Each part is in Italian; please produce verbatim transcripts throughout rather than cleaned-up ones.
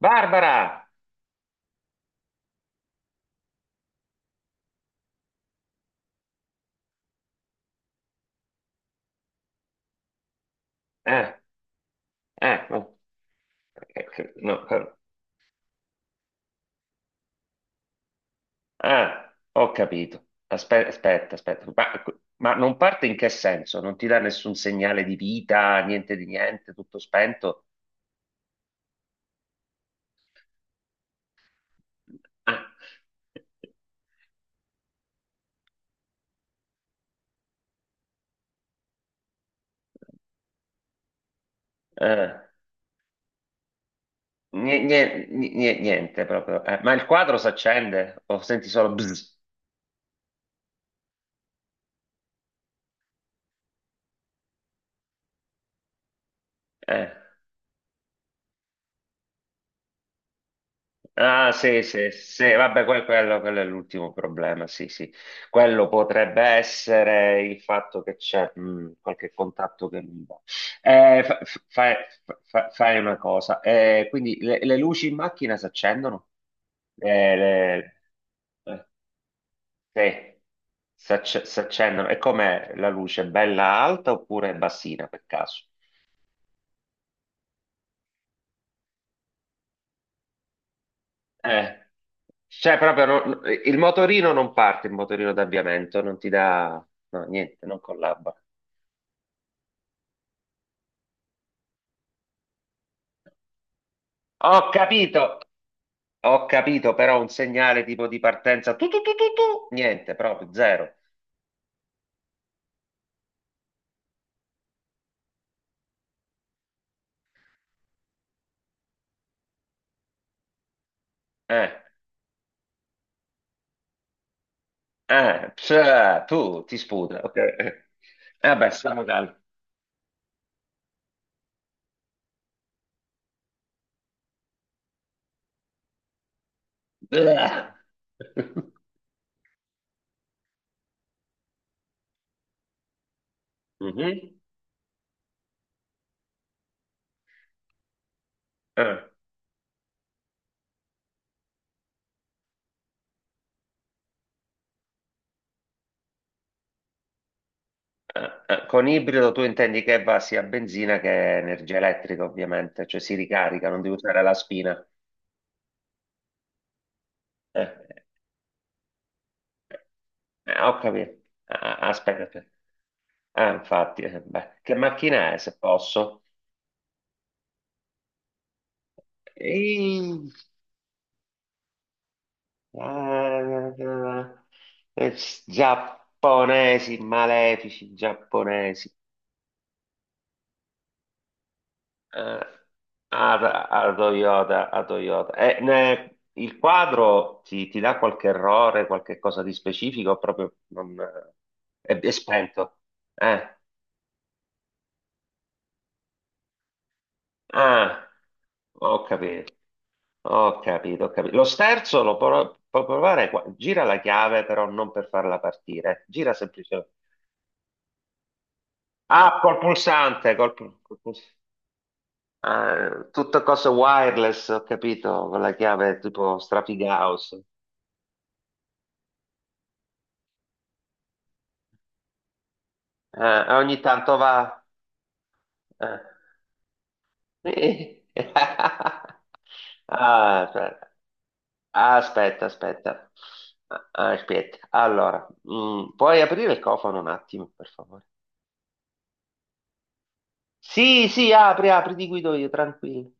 Barbara! Eh, eh, no, eh, che- no, eh, ah, ho capito. Aspe- Aspetta, aspetta, Ma, ma non parte in che senso? Non ti dà nessun segnale di vita, niente di niente, tutto spento? Ah, eh, nie- nie- nie- Niente proprio. Eh, ma il quadro si accende o senti solo bzz? Eh. Ah, sì, sì, sì, vabbè, que- quello, quello è l'ultimo problema, sì, sì. Quello potrebbe essere il fatto che c'è mh, qualche contatto che non va. Eh, fa- fa- fai fa- fai una cosa, eh, quindi le, le luci in macchina si accendono? Eh, le- eh, sì, si acc- si accendono. E com'è la luce? Bella alta oppure bassina per caso? Eh, cioè proprio non- il motorino non parte, il motorino d'avviamento non ti dà, no, niente, non collabora. Ho capito, ho capito, però un segnale tipo di partenza, tu, tu, tu, tu, tu, niente, proprio zero. Eh, eh, Psa, tu ti sputa, ok. Eh, Vabbè, stiamo calmi. Bleh. Mhm. Eh, eh, eh. Con ibrido tu intendi che va sia a benzina che energia elettrica, ovviamente, cioè si ricarica, non devi usare la spina. Eh. Eh, ho capito. Ah, ah, aspetta, aspetta. Ah, infatti, eh, beh, che macchina è, se posso? Ehi, ah, ah, ah, eh, giapponesi, malefici giapponesi. Eh, a, a Toyota, a Toyota. Eh, ne- il quadro ti, ti dà qualche errore, qualche cosa di specifico, proprio non, eh, è, è spento. Eh. Ah, ho capito. Ho capito, ho capito. Lo sterzo lo pro- può provare qua. Gira la chiave, però non per farla partire. Gira semplicemente. Ah, col pulsante, col, pul- col puls-. Ah, tutte cose wireless, ho capito, con la chiave tipo Strafigauss. Eh, ogni tanto va. eh. Sì. Ah, aspetta, aspetta, aspetta. Ah, aspetta. Allora, mm, puoi aprire il cofano un attimo, per favore? Sì, sì, apri, apri, ti guido io, tranquillo.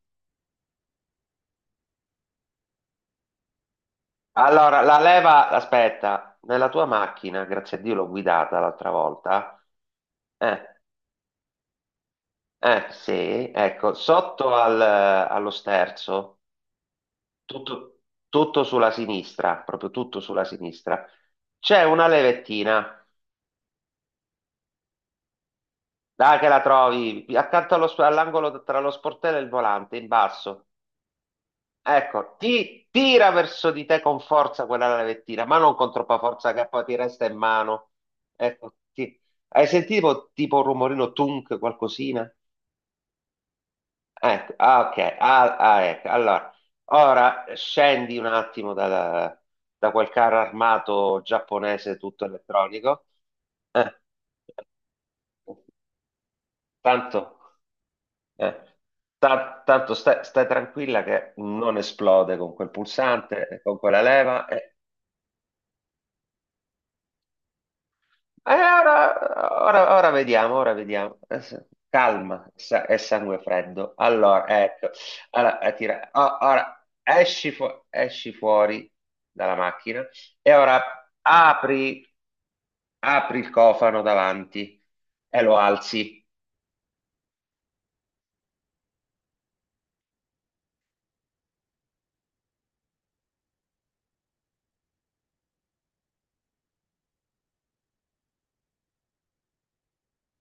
Allora, la leva, aspetta, nella tua macchina, grazie a Dio l'ho guidata l'altra volta. Eh, eh, sì, ecco, sotto al- allo sterzo, tutto, tutto sulla sinistra, proprio tutto sulla sinistra, c'è una levettina, dai che la trovi, accanto allo sp- all'angolo tra lo sportello e il volante, in basso. Ecco, ti tira verso di te con forza quella lavettina, ma non con troppa forza che poi ti resta in mano. Ecco, ti- hai sentito tipo un rumorino tunk, qualcosina? Ecco, ah, ok, ah, ah, ecco. Allora, ora scendi un attimo da, da quel carro armato giapponese tutto elettronico. Eh, tanto, eh, ta- Tanto stai, stai tranquilla che non esplode con quel pulsante, e con quella leva. eh. Eh, ora, ora- ora vediamo, ora vediamo. Adesso- Calma, sa- è sangue freddo. Allora, ecco. Allora, eh, tira- o- ora esci, fu- esci fuori dalla macchina e ora apri, apri il cofano davanti e lo alzi.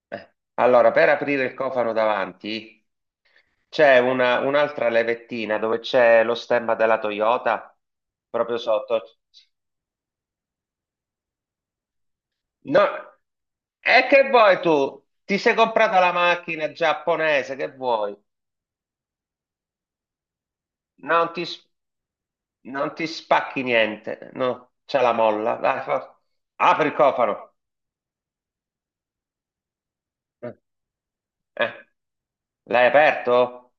Eh, Allora, per aprire il cofano davanti c'è una- un'altra levettina dove c'è lo stemma della Toyota proprio sotto. No, e che vuoi tu? Ti sei comprata la macchina giapponese, che vuoi? Non ti, s- Non ti spacchi niente, no? C'è la molla. Dai, for- apri il cofano. Eh, eh, L'hai aperto?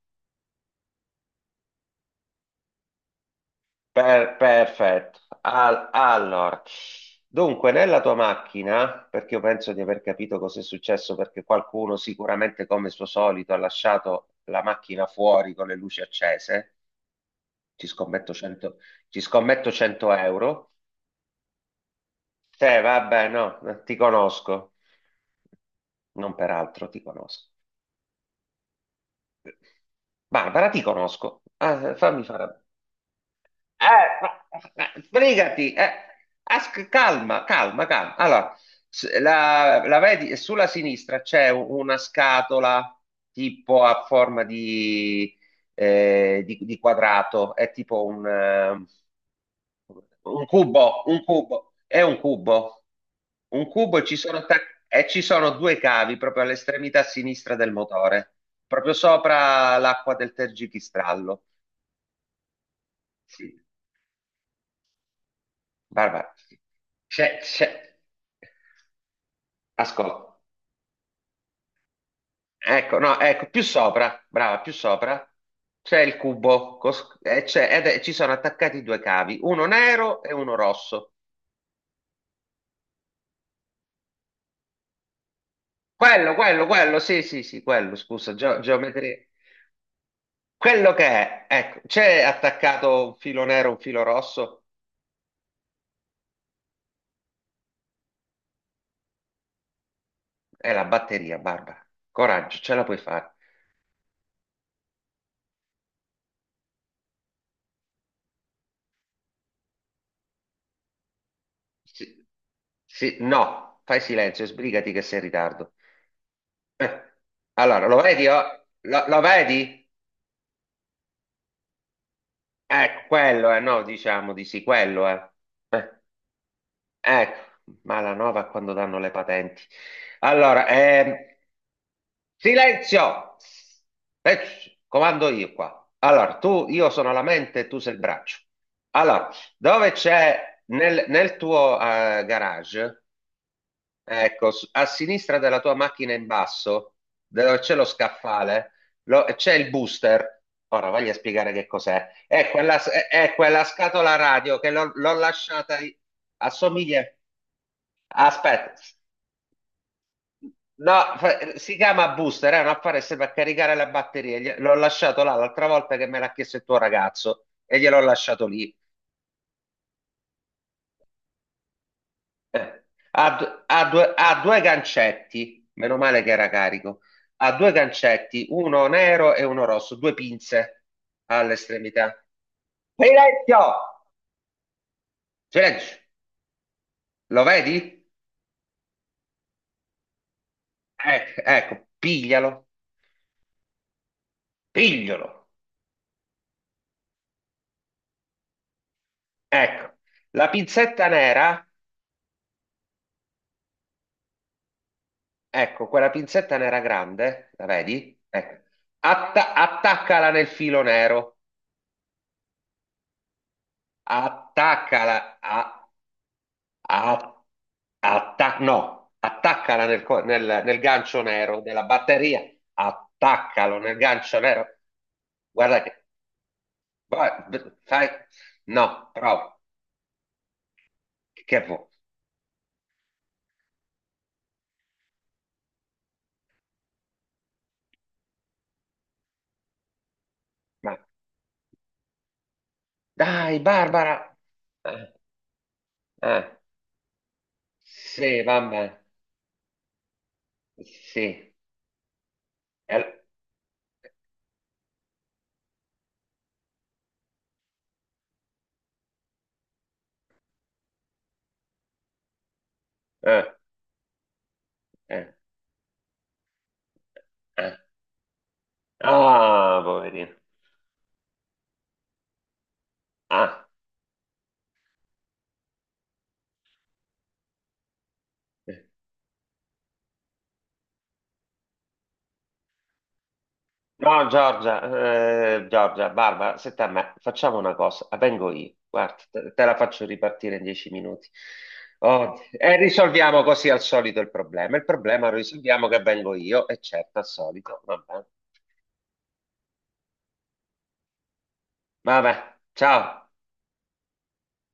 Per- perfetto. Al- allora, dunque, nella tua macchina, perché io penso di aver capito cosa è successo, perché qualcuno sicuramente, come suo solito, ha lasciato la macchina fuori con le luci accese. Ci scommetto cento, Ci scommetto cento euro. Te, vabbè, no, ti conosco. Non peraltro, ti conosco. Barbara, ti conosco. Ah, fammi fare. Eh, sbrigati, eh, as- calma, calma, calma. Allora, s- la, la vedi, sulla sinistra c'è u- una scatola tipo a forma di, eh, di- di quadrato, è tipo un, eh, un cubo, un cubo, è un cubo, un cubo e ci sono, attac- e ci sono due cavi proprio all'estremità sinistra del motore, proprio sopra l'acqua del tergipistrallo. Sì. Barbara, c'è, c'è, ascolta, ecco, no, ecco, più sopra, brava, più sopra, c'è il cubo, cos- e c'è- ed è- ci sono attaccati due cavi, uno nero e uno rosso. Quello, quello, quello, sì, sì, sì, quello, scusa, geo- geometria. Quello che è, ecco, c'è attaccato un filo nero, un filo rosso, è la batteria, Barbara. Coraggio, ce la puoi fare. Sì, sì, no, fai silenzio, sbrigati che sei in ritardo. Eh, Allora, lo vedi? Oh? Lo, lo vedi? Ecco, quello è, no, diciamo di sì, quello è. Eh, ecco, malanova quando danno le patenti. Allora, ehm, silenzio! Eh, comando io qua. Allora, tu, io sono la mente, tu sei il braccio. Allora, dove c'è nel, nel tuo eh, garage? Ecco, s- a sinistra della tua macchina in basso, dove c'è lo scaffale, lo- c'è il booster. Ora voglio spiegare che cos'è. È quella, è, è quella scatola radio che l'ho l'ho lasciata, lì. Assomiglia. Aspetta, no, fa- si chiama booster, è un apparato serve a caricare la batteria. Gli- L'ho lasciato là l'altra volta che me l'ha chiesto il tuo ragazzo e gliel'ho lasciato lì. Eh, ha, d- ha due, ha due gancetti, meno male che era carico. Ha due gancetti, uno nero e uno rosso, due pinze all'estremità. Silenzio! Silenzio! Lo vedi? Ecco, ecco, piglialo, piglialo. Ecco, la pinzetta nera, ecco, quella pinzetta nera grande, la vedi? Ecco. Atta- attaccala nel filo nero. Attaccala, a- A- atta- no, attaccala nel, co- nel- nel gancio nero della batteria, attaccalo nel gancio nero. Guarda che va- v- fai, no, prova, che vuoi? Ma dai, Barbara, eh, eh, sì, vabbè, sì, Eh, eh, eh, eh. ah, poverino, ah. eh. No, Giorgia, eh, Giorgia, Barbara, senta a me, facciamo una cosa, la vengo io, guarda, te, te, la faccio ripartire in dieci minuti. Oh, e risolviamo così al solito il problema. Il problema lo risolviamo che vengo io, e certo, al solito, vabbè. Vabbè, ciao.